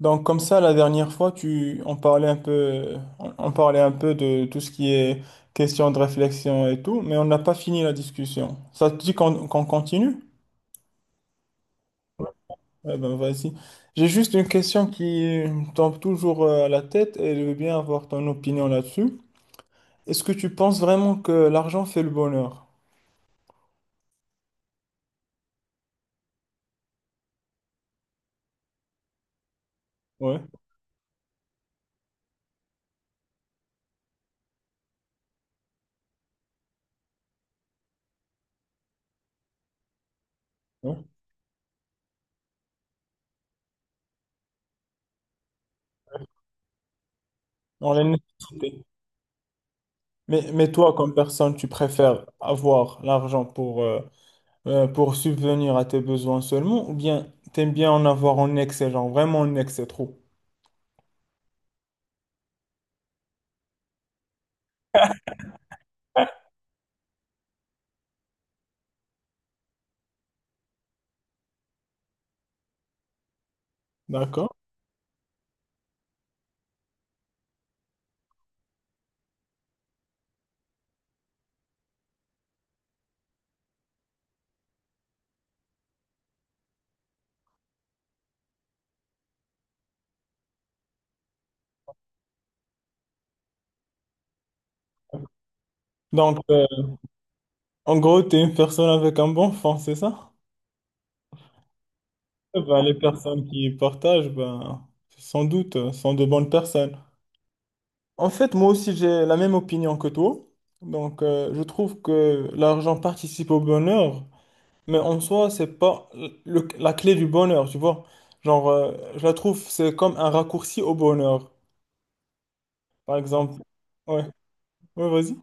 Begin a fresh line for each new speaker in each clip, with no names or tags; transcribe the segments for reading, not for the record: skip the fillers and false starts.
Donc comme ça, la dernière fois, on parlait un peu, on parlait un peu de tout ce qui est question de réflexion et tout, mais on n'a pas fini la discussion. Ça te dit qu'on continue? Eh ben vas-y. J'ai juste une question qui me tombe toujours à la tête et je veux bien avoir ton opinion là-dessus. Est-ce que tu penses vraiment que l'argent fait le bonheur? Ouais, ouais. Dans les nécessités. Mais toi, comme personne, tu préfères avoir l'argent pour subvenir à tes besoins seulement, ou bien t'aimes bien en avoir en excès, genre vraiment en excès trop. D'accord? Donc, en gros, t'es une personne avec un bon fond, c'est ça? Eh ben, les personnes qui partagent, ben, sans doute, sont de bonnes personnes. En fait, moi aussi, j'ai la même opinion que toi. Donc, je trouve que l'argent participe au bonheur, mais en soi, c'est pas la clé du bonheur, tu vois. Genre, je la trouve, c'est comme un raccourci au bonheur. Par exemple, ouais, ouais, vas-y.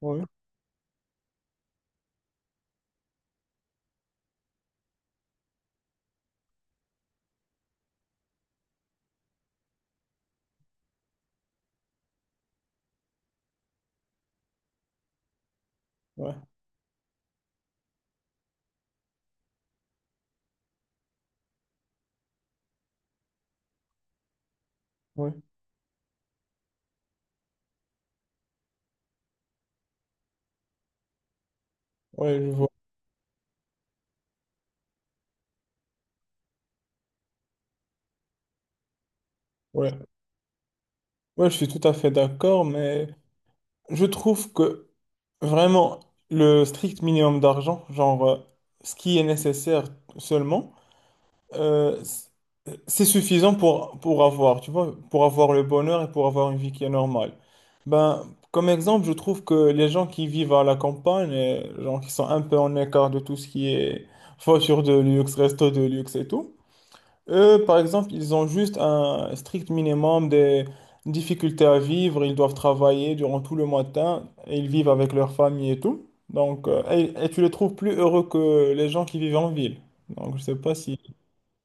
Oui, ouais, ouais, ouais, je vois. Ouais. Ouais, je suis tout à fait d'accord, mais je trouve que vraiment le strict minimum d'argent, genre ce qui est nécessaire seulement, euh, c- c'est suffisant pour avoir, tu vois, pour avoir le bonheur et pour avoir une vie qui est normale. Ben, comme exemple, je trouve que les gens qui vivent à la campagne, genre qui sont un peu en écart de tout ce qui est voiture de luxe, resto de luxe et tout, eux, par exemple, ils ont juste un strict minimum de difficultés à vivre. Ils doivent travailler durant tout le matin et ils vivent avec leur famille et tout. Donc, et tu les trouves plus heureux que les gens qui vivent en ville. Donc, je sais pas si.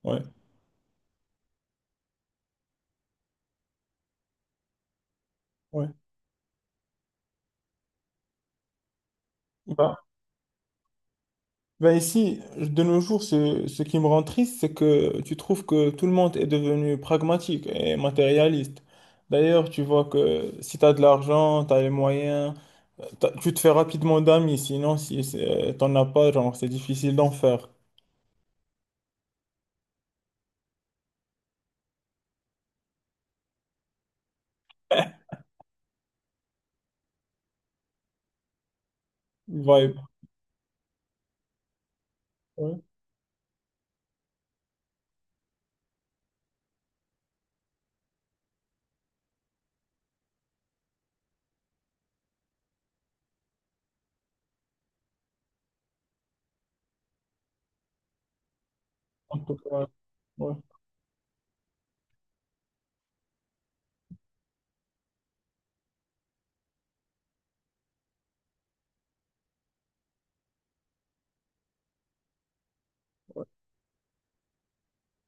Ouais, ouais. Bah, ben ici, de nos jours, ce qui me rend triste, c'est que tu trouves que tout le monde est devenu pragmatique et matérialiste. D'ailleurs, tu vois que si tu as de l'argent, tu as les moyens. Tu te fais rapidement d'amis, sinon si t'en as pas, genre c'est difficile d'en faire. Vibe. Ouais, en tout cas, ouais.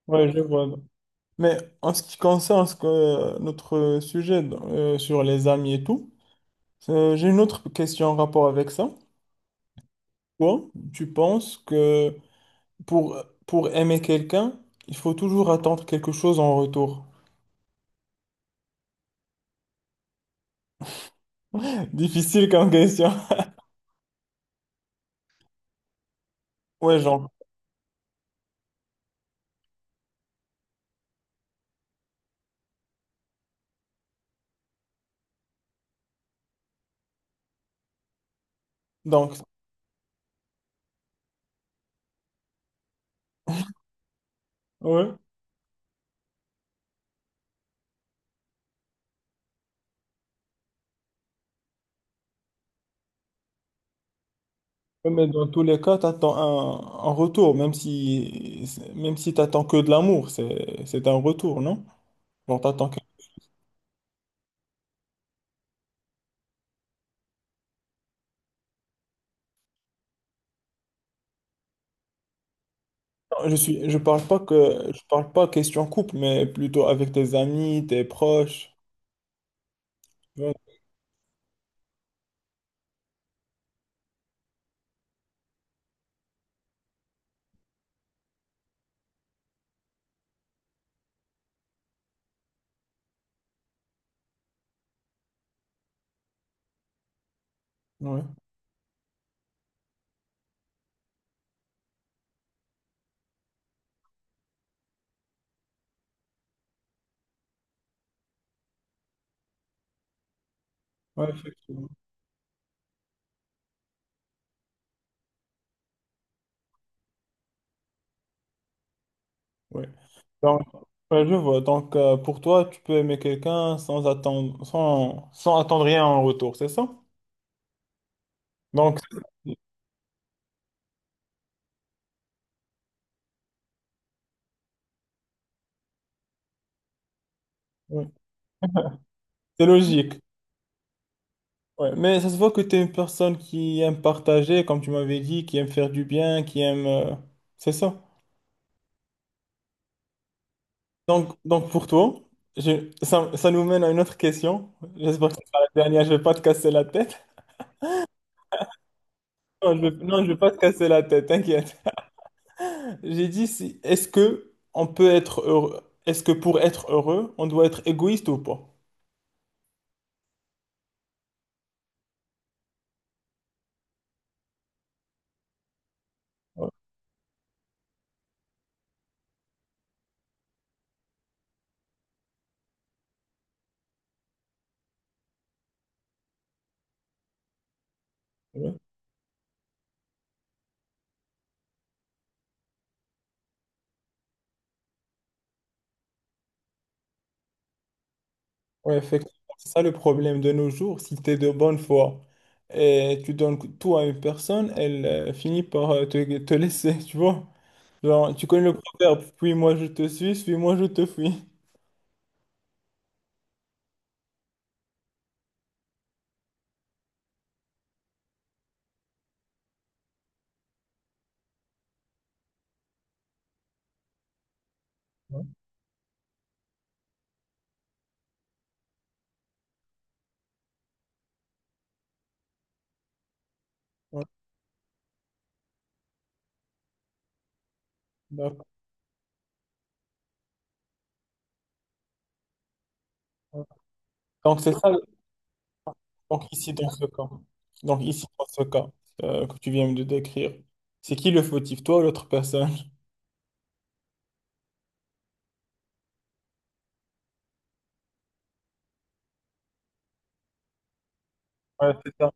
Ouais, je vois. Mais en ce qui concerne notre sujet sur les amis et tout, j'ai une autre question en rapport avec ça. Toi, tu penses que pour, pour aimer quelqu'un, il faut toujours attendre quelque chose en retour? Difficile comme question. Ouais, genre. Donc, ouais. Ouais, mais dans tous les cas, tu attends un retour, même si tu attends que de l'amour, c'est un retour, non? Genre, t'attends que... Je suis, je parle pas question couple, mais plutôt avec tes amis, tes proches. Tu ouais, ouais, effectivement. Ouais. Donc, ouais, je vois. Donc, pour toi, tu peux aimer quelqu'un sans attendre, sans attendre rien en retour, c'est ça? Donc, ouais, c'est logique. Ouais, mais ça se voit que tu es une personne qui aime partager, comme tu m'avais dit, qui aime faire du bien, qui aime... C'est ça. Donc pour toi, ça, ça nous mène à une autre question. J'espère que c'est pas la dernière, je vais pas te casser la tête. Non, je vais pas te casser la tête, t'inquiète. J'ai dit, si, est-ce que on peut être heureux? Est-ce que pour être heureux, on doit être égoïste ou pas? Ouais. Ouais. Oui, effectivement, c'est ça le problème de nos jours. Si tu es de bonne foi et tu donnes tout à une personne, elle finit par te laisser, tu vois. Genre, tu connais le proverbe, puis moi je te suis, suis-moi je te fuis. Ouais, ouais, d'accord. Donc c'est ça. Donc ici, dans ce cas, donc ici, dans ce cas que tu viens de décrire, c'est qui le fautif, toi ou l'autre personne? Ouais, c'est ça.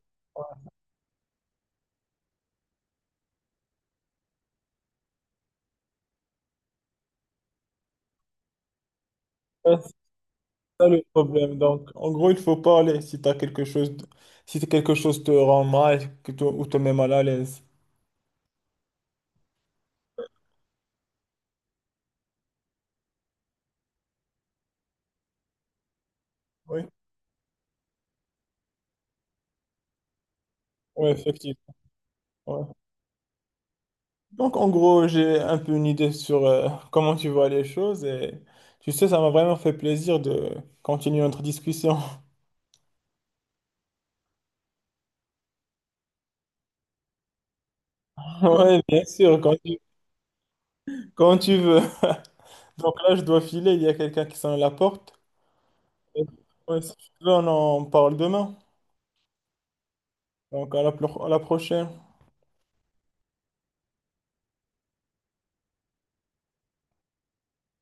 Ouais, c'est ça le problème. Donc, en gros, il faut parler si t'as quelque chose, si quelque chose te rend mal, ou te met mal à l'aise. Oui. Oui, effectivement. Ouais. Donc, en gros, j'ai un peu une idée sur comment tu vois les choses et tu sais, ça m'a vraiment fait plaisir de continuer notre discussion. Oui, bien sûr, quand tu veux. Donc là, je dois filer, il y a quelqu'un qui sonne à la porte. Ouais, si tu veux, on en parle demain. Donc, à la prochaine.